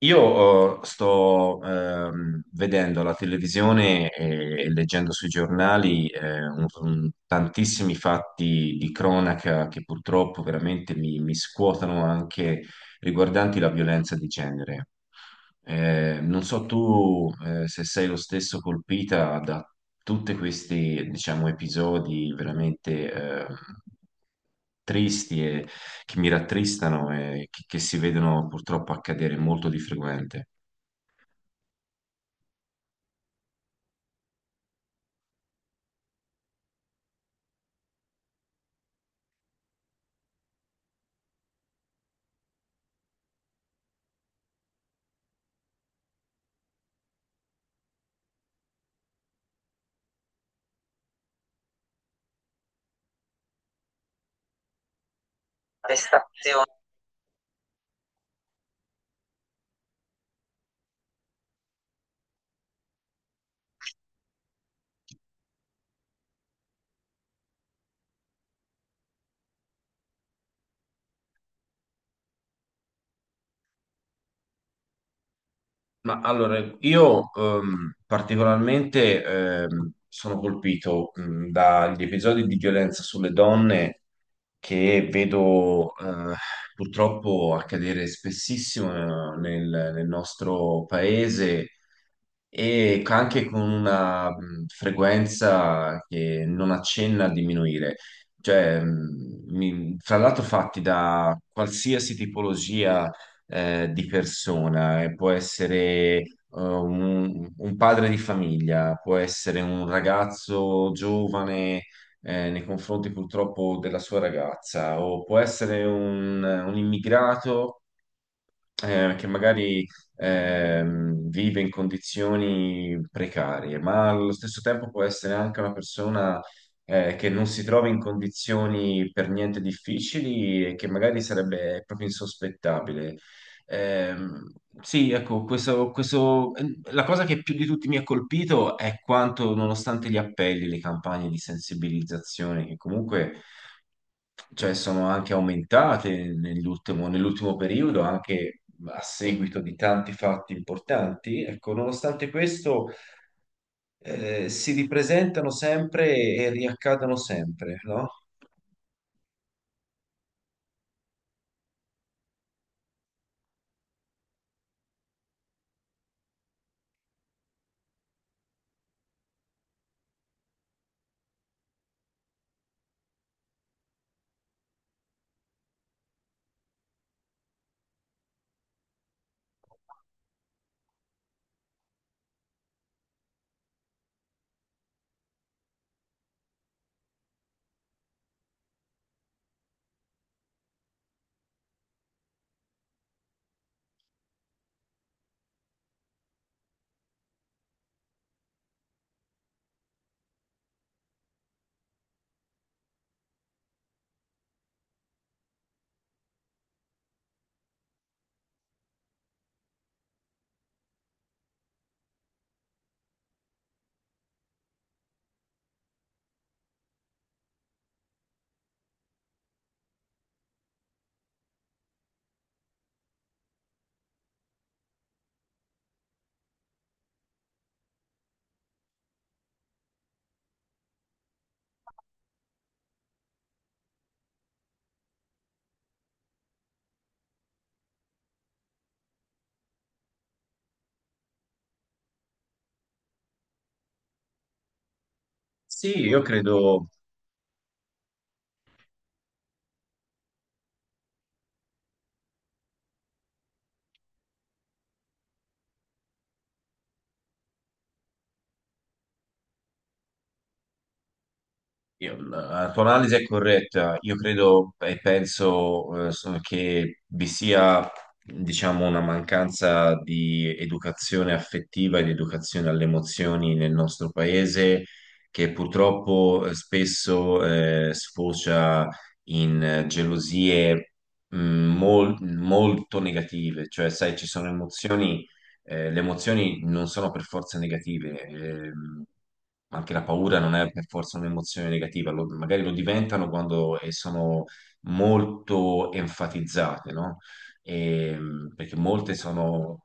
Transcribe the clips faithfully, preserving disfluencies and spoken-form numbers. Io eh, sto ehm, vedendo la televisione e, e leggendo sui giornali eh, un- un- tantissimi fatti di cronaca che purtroppo veramente mi, mi scuotono anche riguardanti la violenza di genere. Eh, non so tu eh, se sei lo stesso colpita da tutti questi, diciamo, episodi veramente eh, tristi che mi rattristano e che, che si vedono purtroppo accadere molto di frequente. Prestazioni. Ma allora, io ehm, particolarmente ehm, sono colpito mh, dagli episodi di violenza sulle donne che vedo eh, purtroppo accadere spessissimo eh, nel, nel nostro paese e ca- anche con una mh, frequenza che non accenna a diminuire. Cioè, mh, mi- tra l'altro fatti da qualsiasi tipologia eh, di persona, eh, può essere eh, un, un padre di famiglia, può essere un ragazzo giovane eh, nei confronti purtroppo della sua ragazza, o può essere un un immigrato eh, che magari ehm, vive in condizioni precarie, ma allo stesso tempo può essere anche una persona eh, che non si trova in condizioni per niente difficili e che magari sarebbe proprio insospettabile. Ehm, sì, ecco, questo, questo- ehm, la cosa che più di tutti mi ha colpito è quanto, nonostante gli appelli, le campagne di sensibilizzazione che comunque cioè sono anche aumentate nell'ultimo nell'ultimo periodo, anche a seguito di tanti fatti importanti. Ecco, nonostante questo, eh, si ripresentano sempre e riaccadono sempre, no? Sì, io credo. Io- la tua analisi è corretta. Io credo e penso eh, so- che vi sia, diciamo, una mancanza di educazione affettiva e di educazione alle emozioni nel nostro paese, che purtroppo eh, spesso eh, sfocia in eh, gelosie mh, mol- molto negative. Cioè, sai, ci sono emozioni eh, le emozioni non sono per forza negative, ehm, anche la paura non è per forza un'emozione negativa, lo- magari lo diventano quando eh, sono molto enfatizzate, no? Ehm, perché molte sono.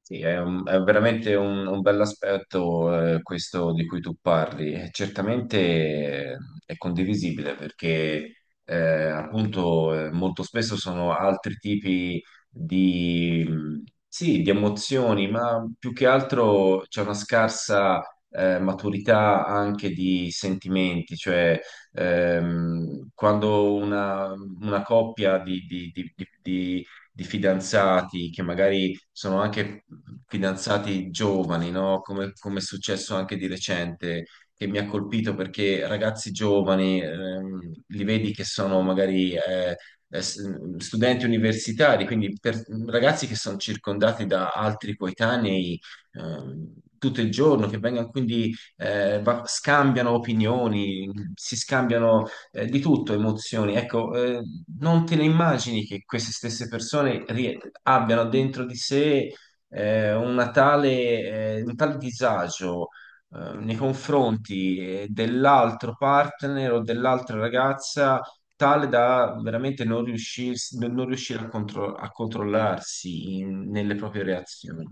Sì, è, un- è veramente un, un bell'aspetto eh, questo di cui tu parli. E certamente eh, è condivisibile perché eh, appunto eh, molto spesso sono altri tipi di, mh, sì, di emozioni, ma più che altro c'è una scarsa eh, maturità anche di sentimenti, cioè ehm, quando una, una coppia di di- di- di- di- di fidanzati che magari sono anche fidanzati giovani, no? Come, come è successo anche di recente, che mi ha colpito perché ragazzi giovani, ehm, li vedi che sono magari eh, eh, s- studenti universitari, quindi per- ragazzi che sono circondati da altri coetanei ehm, tutto il giorno, che vengono quindi eh, va- scambiano opinioni, si scambiano eh, di tutto emozioni. Ecco, eh, non te ne immagini che queste stesse persone rie- abbiano dentro di sé eh, una tale, eh, un tale disagio eh, nei confronti eh, dell'altro partner o dell'altra ragazza, tale da veramente non riuscirsi- non riuscire a, contro- a controllarsi in- nelle proprie reazioni.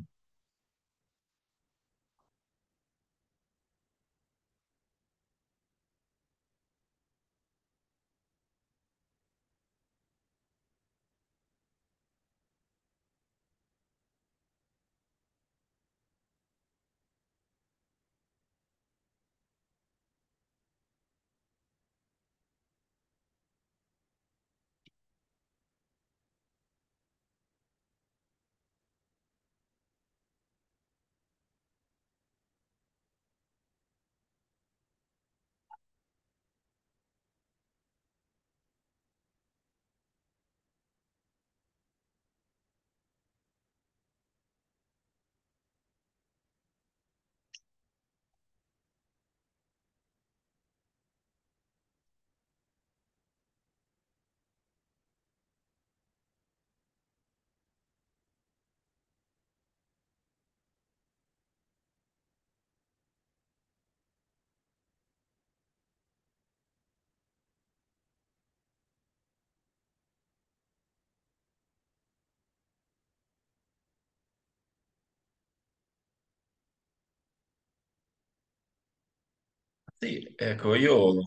Sì, ecco, io,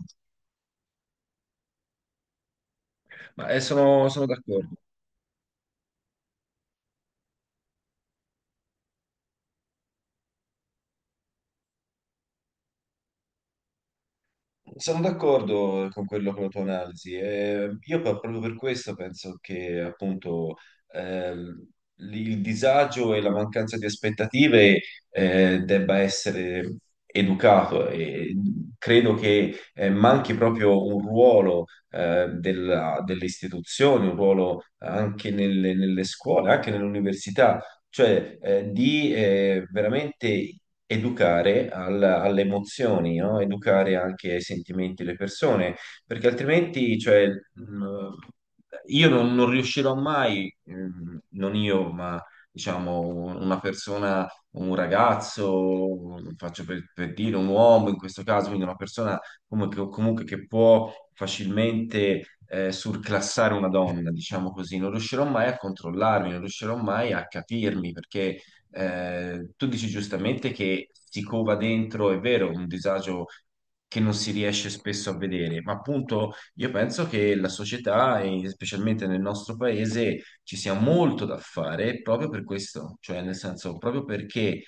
ma, eh, sono sono d'accordo. Sono d'accordo con quello, con la tua analisi. eh, io pro- proprio per questo penso che appunto ehm, l- il disagio e la mancanza di aspettative eh, debba essere educato, e mm, credo che eh, manchi proprio un ruolo eh, della- delle istituzioni, un ruolo anche nelle, nelle scuole, anche nell'università, cioè eh, di eh, veramente educare al- alle emozioni, no? Educare anche ai sentimenti delle persone, perché altrimenti, cioè, mh, io non, non riuscirò mai, mh, non io, ma diciamo una persona, un ragazzo, faccio per, per dire un uomo in questo caso, quindi una persona comunque, comunque che può facilmente eh, surclassare una donna, diciamo così, non riuscirò mai a controllarmi, non riuscirò mai a capirmi, perché eh, tu dici giustamente che si cova dentro, è vero, un disagio che non si riesce spesso a vedere, ma appunto io penso che la società, e specialmente nel nostro paese, ci sia molto da fare proprio per questo, cioè nel senso proprio perché.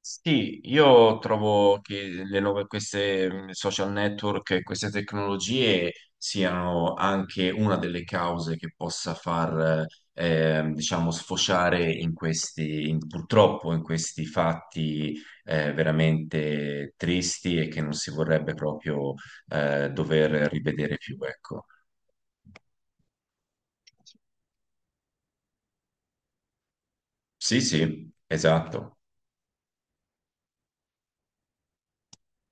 Sì, io trovo che le nuove, queste mh, social network, e queste tecnologie siano anche una delle cause che possa far, eh, diciamo, sfociare in questi, in- purtroppo in questi fatti eh, veramente tristi e che non si vorrebbe proprio eh, dover rivedere più, ecco. Sì, sì, esatto.